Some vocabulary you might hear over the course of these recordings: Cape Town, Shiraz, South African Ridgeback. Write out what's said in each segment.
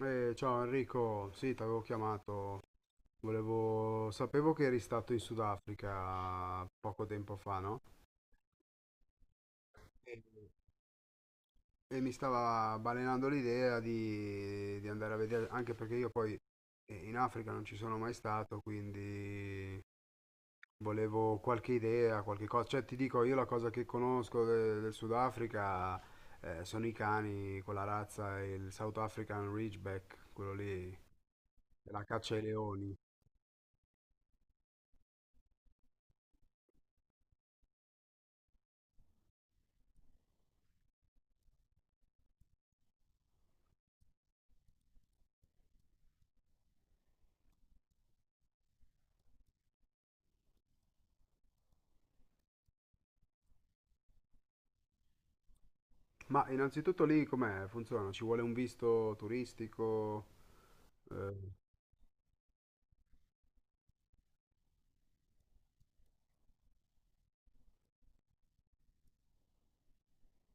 Ciao Enrico, sì, ti avevo chiamato. Volevo... Sapevo che eri stato in Sudafrica poco tempo fa, no? E, e mi stava balenando l'idea di andare a vedere, anche perché io poi in Africa non ci sono mai stato, quindi volevo qualche idea, qualche cosa. Cioè, ti dico, io la cosa che conosco del Sudafrica sono i cani, quella razza, il South African Ridgeback, quello lì, la caccia ai leoni. Ma innanzitutto lì com'è? Funziona? Ci vuole un visto turistico? Eh,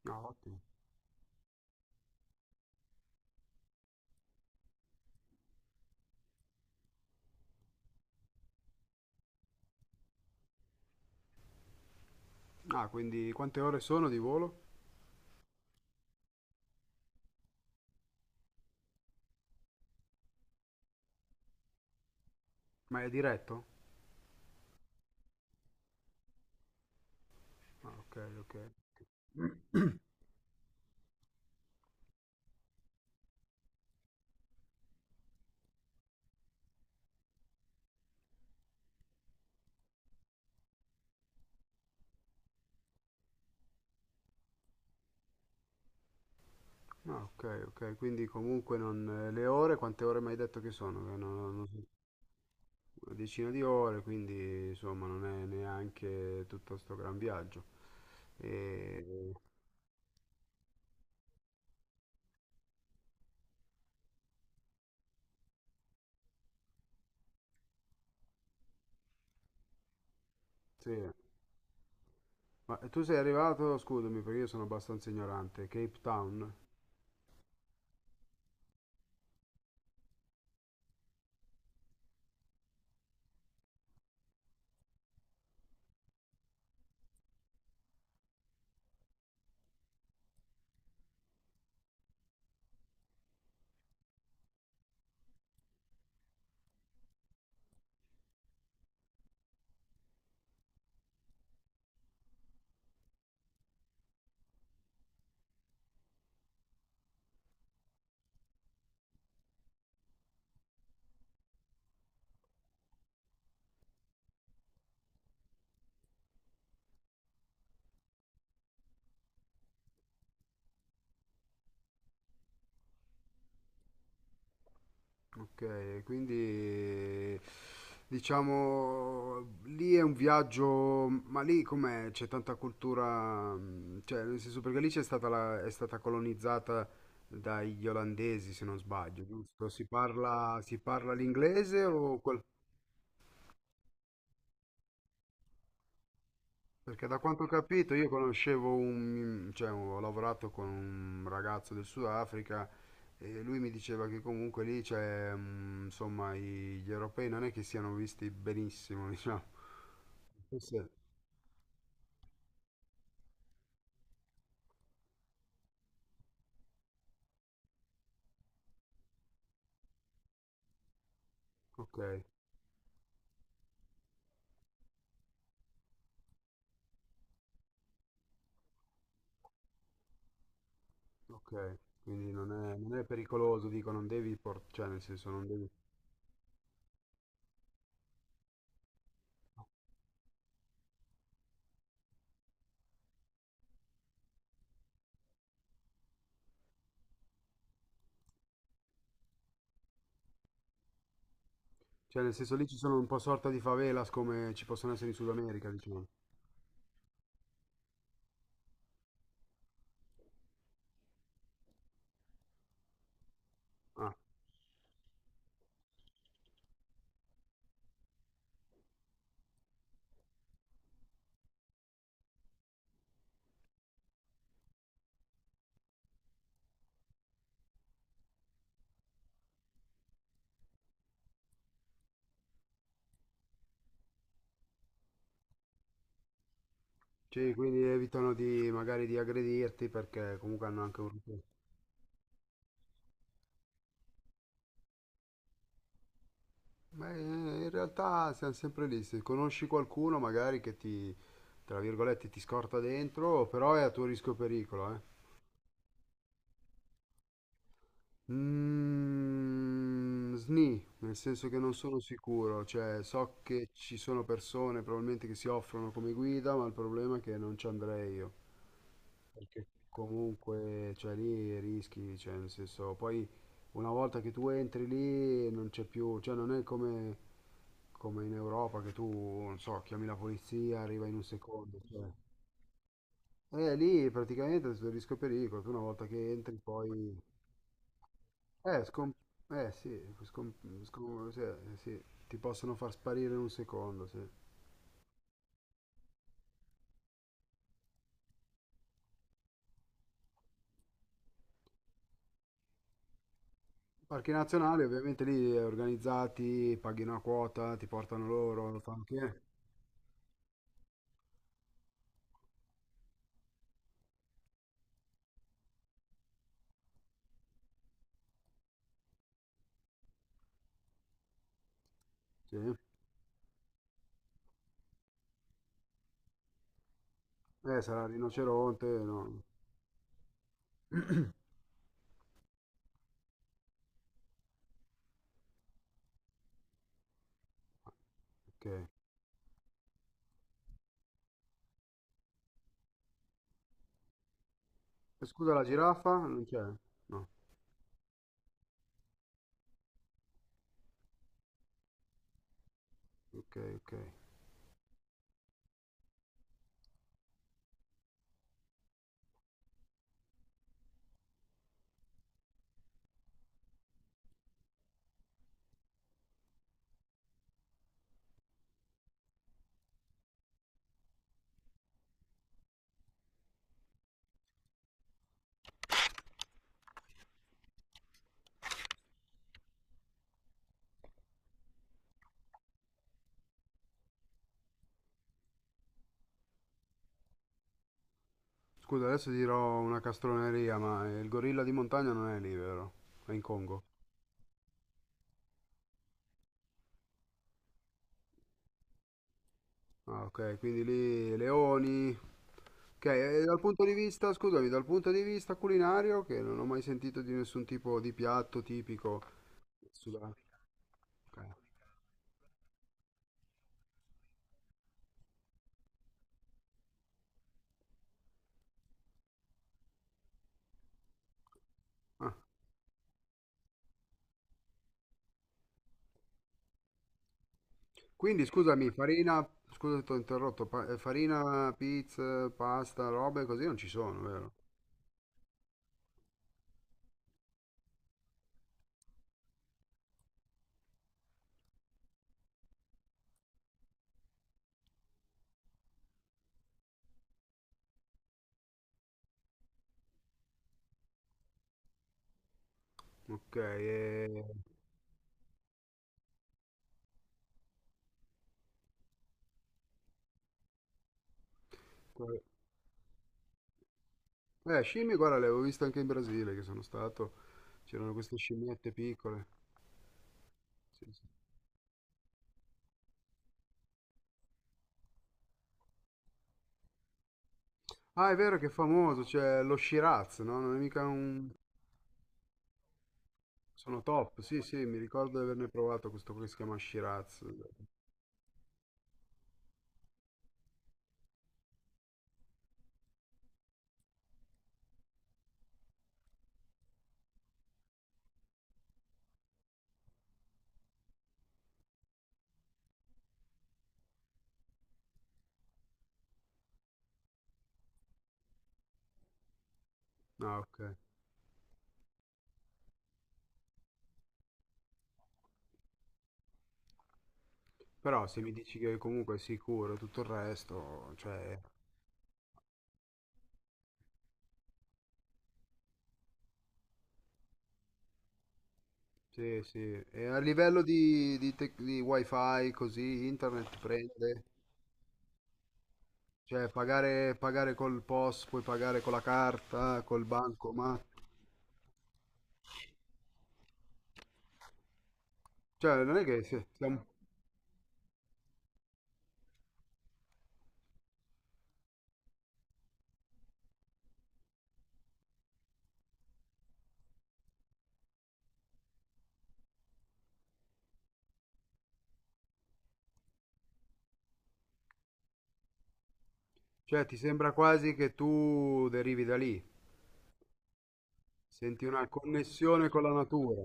no, ottimo. Ah, quindi quante ore sono di volo? Ma è diretto? Ah, ok, ok. Ah, ok, ok. Quindi comunque non, le ore, quante ore mi hai detto che sono? Che non so. Una decina di ore, quindi insomma non è neanche tutto sto gran viaggio. E, sì. Ma tu sei arrivato, scusami perché io sono abbastanza ignorante, Cape Town? Ok, quindi diciamo lì è un viaggio, ma lì com'è? C'è tanta cultura, mm, cioè nel senso perché lì c'è stata è stata colonizzata dagli olandesi se non sbaglio, giusto? Si parla l'inglese o perché da quanto ho capito io conoscevo un, cioè ho lavorato con un ragazzo del Sudafrica e lui mi diceva che comunque lì c'è, mm, insomma, gli europei non è che siano visti benissimo, diciamo. Sì, sì. Ok, ok. Quindi non è pericoloso, dico, non devi cioè nel senso non devi. Cioè nel senso lì ci sono un po' sorta di favelas come ci possono essere in Sud America, diciamo. Ah, sì, quindi evitano di magari di aggredirti perché comunque hanno anche un ruolo. Beh, in realtà siamo sempre lì, se conosci qualcuno magari tra virgolette, ti scorta dentro, però è a tuo rischio e pericolo, eh. Mm, sni, nel senso che non sono sicuro, cioè so che ci sono persone probabilmente che si offrono come guida, ma il problema è che non ci andrei io, perché comunque, cioè lì rischi, cioè nel senso, poi una volta che tu entri lì non c'è più, cioè non è come, come in Europa che tu, non so, chiami la polizia, arriva in un secondo, cioè. Lì praticamente è tutto il rischio e pericolo, tu una volta che entri poi... Eh, scom- eh sì, scom- sì, ti possono far sparire in un secondo, sì. Parchi nazionali, ovviamente lì organizzati, paghi una quota, ti portano loro, lo fanno che? Sì. Sarà il rinoceronte, no, ok. Scusa, la giraffa? Non c'è? No, ok, ok. Scusa, adesso dirò una castroneria, ma il gorilla di montagna non è lì, vero? È in Congo. Ah, ok, quindi lì leoni. Ok, e dal punto di vista, scusami, dal punto di vista culinario, che non ho mai sentito di nessun tipo di piatto tipico sudafricano. Ok. Ah, quindi scusami, farina, scusa se ti ho interrotto, farina, pizza, pasta, robe così non ci sono, vero? Ok, e... scimmie, guarda, le avevo viste anche in Brasile, che sono stato, c'erano queste scimmiette piccole. Sì, sì. Ah, è vero che è famoso, c'è lo Shiraz, no? Non è mica un... Sono top, sì, sì, mi ricordo di averne provato questo qui che si chiama Shiraz. Ah, ok. Però se mi dici che comunque è sicuro, tutto il resto, cioè, sì, sì. E a livello di wifi, così, internet prende, cioè, pagare col POS, puoi pagare con la carta, col bancomat. Cioè, non è che siamo... Cioè, ti sembra quasi che tu derivi da lì, senti una connessione con la natura.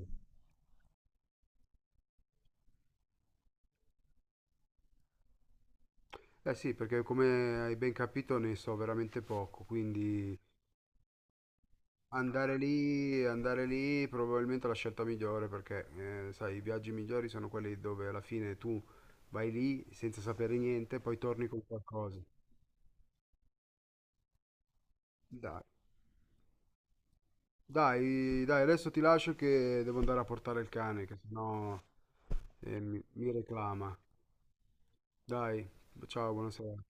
Eh sì, perché come hai ben capito ne so veramente poco, quindi andare lì probabilmente è la scelta migliore perché sai, i viaggi migliori sono quelli dove alla fine tu vai lì senza sapere niente, poi torni con qualcosa. Dai, dai, dai, adesso ti lascio che devo andare a portare il cane, che sennò mi reclama. Dai, ciao, buonasera.